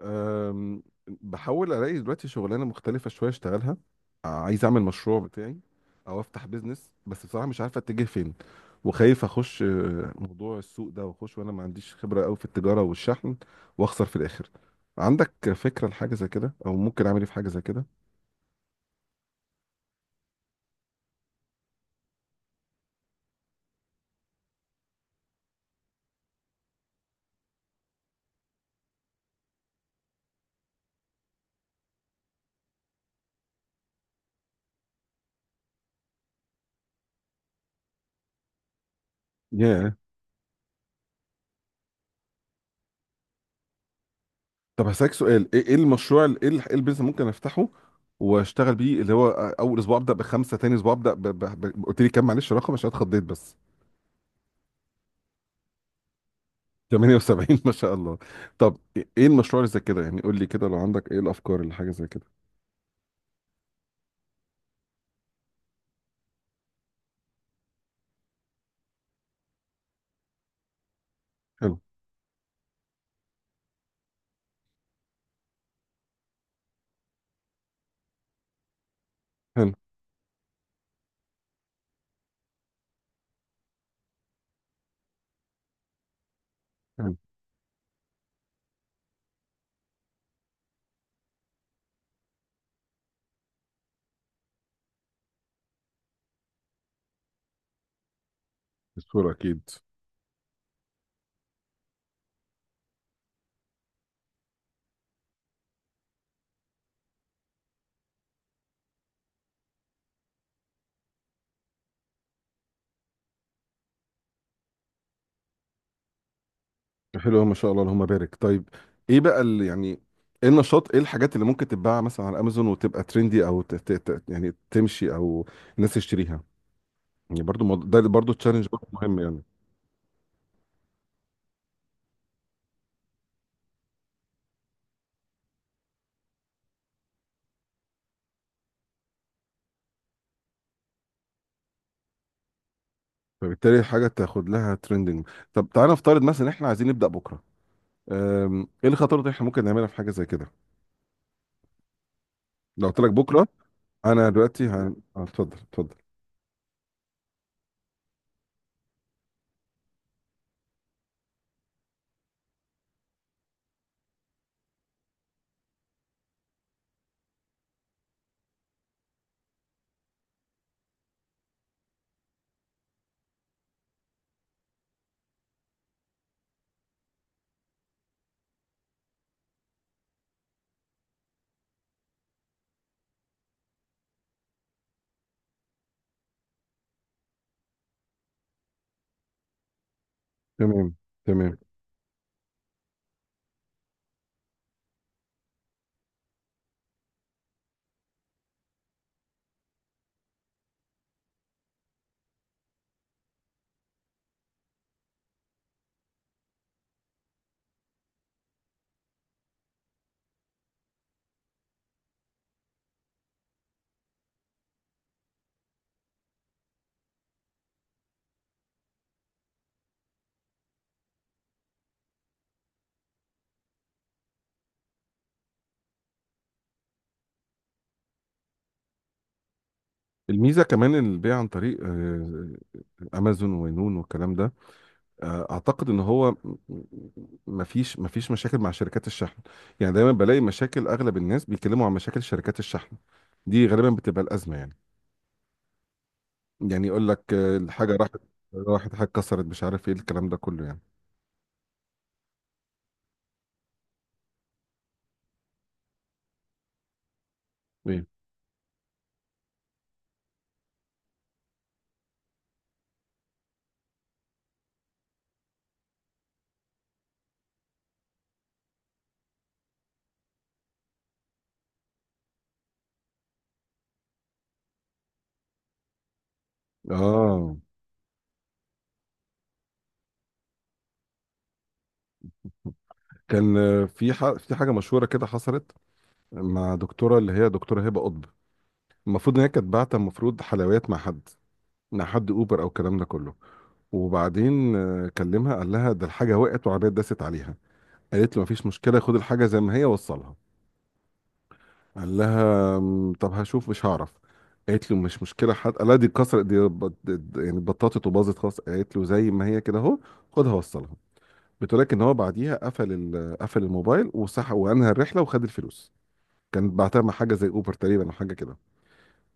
بحاول الاقي دلوقتي شغلانه مختلفه شويه اشتغلها. عايز اعمل مشروع بتاعي او افتح بيزنس، بس بصراحه مش عارف اتجه فين. وخايف اخش موضوع السوق ده، واخش وانا ما عنديش خبره قوي في التجاره والشحن واخسر في الاخر. عندك فكره لحاجه زي كده، او ممكن اعمل ايه في حاجه زي كده؟ ياه. طب هسألك سؤال، إيه المشروع ال- ايه ال- إيه البيزنس ممكن افتحه واشتغل بيه، اللي هو اول اسبوع ابدا بخمسه، تاني اسبوع ابدا قلت لي كام؟ معلش، رقم عشان اتخضيت بس. 78 ما شاء الله. طب ايه المشروع اللي زي كده، يعني قول لي كده، لو عندك، ايه الافكار اللي حاجه زي كده؟ حلو. حلو. حلو. الصوره اكيد. حلو ما شاء الله، اللهم بارك. طيب ايه بقى اللي يعني، ايه النشاط، ايه الحاجات اللي ممكن تتباع مثلا على امازون وتبقى ترندي او يعني تمشي او الناس تشتريها؟ يعني برضو ده برضو تشالنج، برضو مهم يعني. فبالتالي حاجه تاخد لها ترندنج. طب تعالى نفترض مثلا احنا عايزين نبدا بكره، ايه الخطوات اللي احنا ممكن نعملها في حاجه زي كده لو قلت لك بكره؟ انا دلوقتي اه، اتفضل اتفضل. تمام. تمام. الميزه كمان البيع عن طريق امازون وينون والكلام ده، اعتقد ان هو مفيش مشاكل مع شركات الشحن. يعني دايما بلاقي مشاكل، اغلب الناس بيتكلموا عن مشاكل شركات الشحن، دي غالبا بتبقى الازمه يعني. يعني يقول لك الحاجه راحت، حاجه كسرت، مش عارف ايه الكلام ده كله يعني. ايه. اه. كان في في حاجه مشهوره كده حصلت مع دكتوره، اللي هي دكتوره هبه قطب. المفروض ان هي كانت باعته المفروض حلويات مع حد مع حد اوبر او الكلام ده كله. وبعدين كلمها قال لها ده الحاجه وقعت وعربيه داست عليها. قالت له مفيش مشكله، خد الحاجه زي ما هي وصلها. قال لها طب هشوف، مش هعرف". قالت له مش مشكله. حد قال لها دي اتكسرت، دي يعني اتبططت وباظت خلاص. قالت له زي ما هي كده اهو، خدها وصلها. بتقولك ان هو بعديها قفل قفل الموبايل وسحب وانهى الرحله وخد الفلوس. كان بعتها مع حاجه زي اوبر تقريبا او حاجه كده.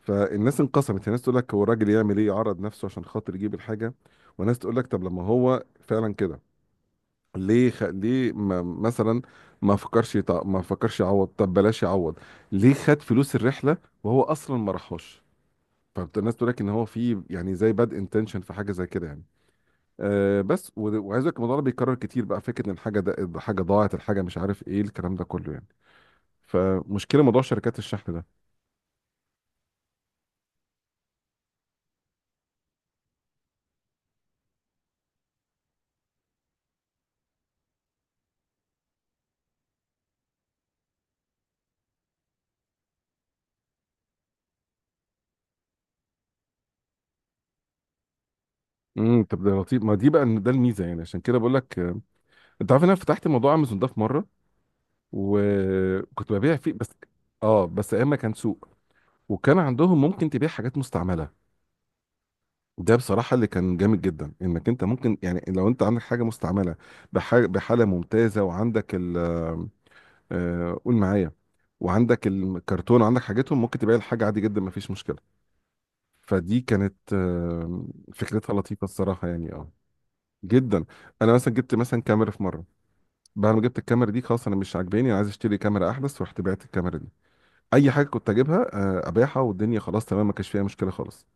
فالناس انقسمت. الناس تقول لك هو الراجل يعمل ايه، يعرض نفسه عشان خاطر يجيب الحاجه؟ وناس تقول لك طب لما هو فعلا كده، ليه ليه ما... مثلا ما فكرش ما فكرش يعوض، طب بلاش يعوض، ليه خد فلوس الرحله وهو اصلا ما راحوش؟ فالناس تقول لك ان هو في يعني زي باد انتنشن في حاجه زي كده يعني. أه بس وعايز اقول لك الموضوع ده بيتكرر كتير بقى، فكره ان الحاجه ده حاجه ضاعت، الحاجه مش عارف ايه الكلام ده كله يعني، فمشكله موضوع شركات الشحن ده. طب ده لطيف، ما دي بقى ده الميزه يعني. عشان كده بقول لك، انت عارف ان انا فتحت موضوع امازون ده في مره، وكنت ببيع فيه بس. اه، بس ايام ما كان سوق، وكان عندهم ممكن تبيع حاجات مستعمله. ده بصراحه اللي كان جامد جدا، انك انت ممكن يعني لو انت عندك حاجه مستعمله بحاجة بحاله ممتازه، وعندك ال آه، قول معايا، وعندك الكرتون وعندك حاجتهم، ممكن تبيع الحاجه عادي جدا، ما فيش مشكله. فدي كانت فكرتها لطيفه الصراحه يعني، اه، جدا. انا مثلا جبت مثلا كاميرا في مره، بعد ما جبت الكاميرا دي خلاص انا مش عاجباني، انا عايز اشتري كاميرا احدث، رحت بعت الكاميرا دي. اي حاجه كنت اجيبها ابيعها، والدنيا خلاص تمام ما كانش فيها مشكله خالص.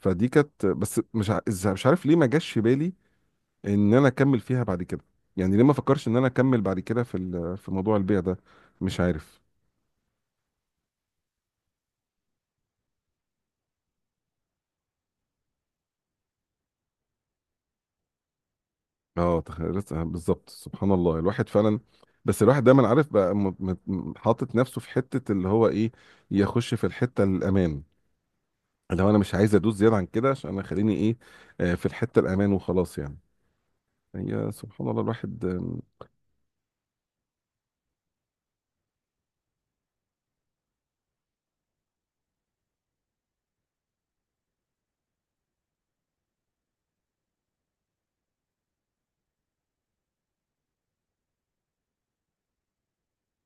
فدي كانت بس مش مش عارف ليه ما جاش في بالي ان انا اكمل فيها بعد كده، يعني ليه ما فكرش ان انا اكمل بعد كده في في موضوع البيع ده؟ مش عارف. اه تخيل بالظبط، سبحان الله الواحد فعلا. بس الواحد دايما عارف بقى، حاطط نفسه في حته اللي هو ايه، يخش في الحته الامان. لو انا مش عايز ادوس زياده عن كده، عشان انا خليني ايه، في الحته الامان وخلاص يعني. هي سبحان الله الواحد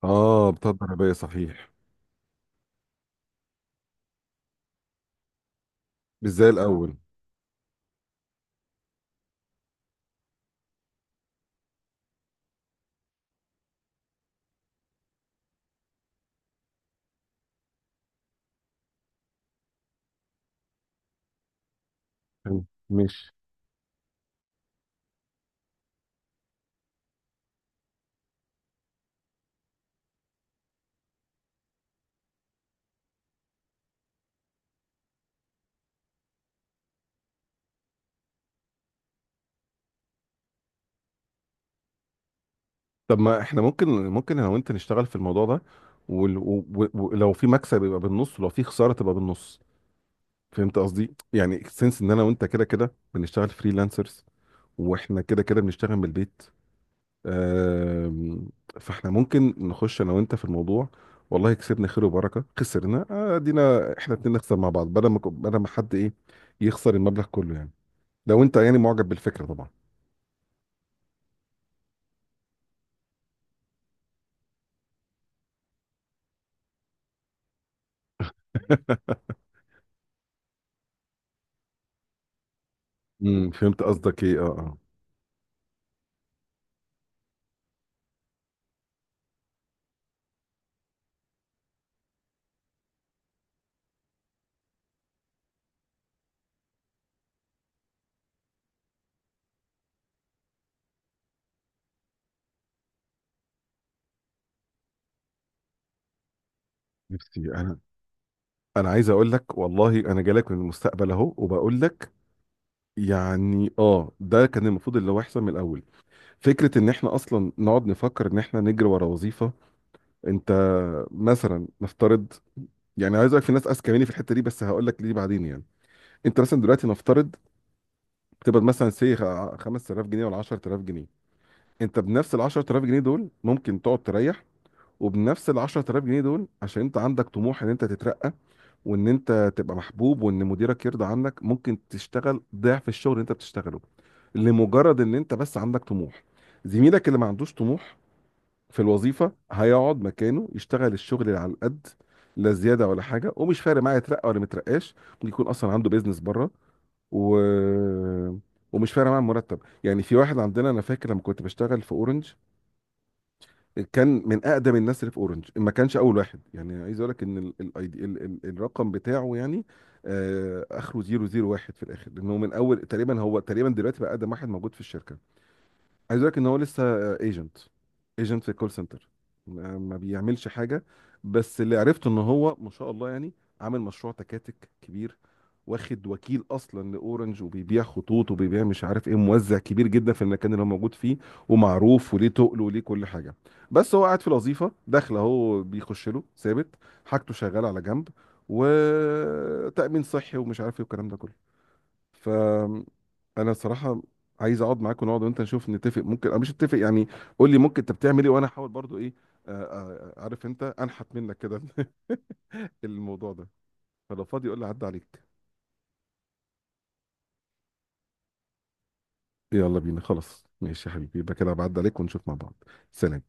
اه بتاع الضربيه صحيح. مش زي الاول. حلو، ماشي. طب ما احنا ممكن، انا وانت نشتغل في الموضوع ده، ولو في مكسب يبقى بالنص ولو في خساره تبقى بالنص. فهمت قصدي، يعني سنس ان انا وانت كده كده بنشتغل فريلانسرز، واحنا كده كده بنشتغل من البيت، آم، فاحنا ممكن نخش انا وانت في الموضوع. والله كسبنا خير وبركه، خسرنا ادينا احنا اتنين نخسر مع بعض، بدل ما بدل ما حد ايه، يخسر المبلغ كله يعني. لو انت يعني معجب بالفكره طبعا. فهمت قصدك، ايه، اه، اه. نفسي انا، انا عايز اقول لك والله انا جالك من المستقبل اهو، وبقول لك يعني اه ده كان المفروض اللي هو يحصل من الاول. فكره ان احنا اصلا نقعد نفكر ان احنا نجري ورا وظيفه، انت مثلا نفترض، يعني عايز اقولك في ناس اذكى مني في الحته دي، بس هقول لك ليه بعدين يعني. انت مثلا دلوقتي نفترض تقبض مثلا 5000 جنيه ولا 10000 جنيه. انت بنفس ال 10000 جنيه دول ممكن تقعد تريح، وبنفس ال 10000 جنيه دول عشان انت عندك طموح ان انت تترقى وان انت تبقى محبوب وان مديرك يرضى عنك، ممكن تشتغل ضعف الشغل اللي انت بتشتغله، لمجرد ان انت بس عندك طموح. زميلك اللي ما عندوش طموح في الوظيفه هيقعد مكانه يشتغل الشغل اللي على القد، لا زياده ولا حاجه، ومش فارق معاه يترقى ولا مترقاش، ممكن يكون اصلا عنده بيزنس بره و... ومش فارق معاه المرتب. يعني في واحد عندنا، انا فاكر لما كنت بشتغل في اورنج، كان من اقدم الناس اللي في اورنج، ما كانش اول واحد يعني، عايز اقول لك ان ال ال ال ال الرقم بتاعه يعني اخره 001 في الاخر، لانه من اول تقريبا، هو تقريبا دلوقتي بقى اقدم واحد موجود في الشركه. عايز اقول لك ان هو لسه ايجنت. ايجنت في الكول سنتر، ما بيعملش حاجه. بس اللي عرفته ان هو ما شاء الله يعني عامل مشروع تكاتك كبير، واخد وكيل اصلا لاورنج، وبيبيع خطوط وبيبيع مش عارف ايه، موزع كبير جدا في المكان اللي هو موجود فيه، ومعروف وليه تقل وليه كل حاجه. بس هو قاعد في الوظيفه، داخله هو بيخش له ثابت، حاجته شغاله على جنب، وتامين صحي ومش عارف ايه والكلام ده كله. ف انا صراحه عايز اقعد معاك ونقعد، وانت نشوف نتفق ممكن او مش نتفق يعني. قول لي ممكن انت بتعمل ايه، وانا احاول برضو ايه، عارف انت انحت منك كده الموضوع ده. فلو فاضي قول لي عدى عليك. يلا بينا خلاص، ماشي يا حبيبي، يبقى كده بعد عليك ونشوف مع بعض. سلام.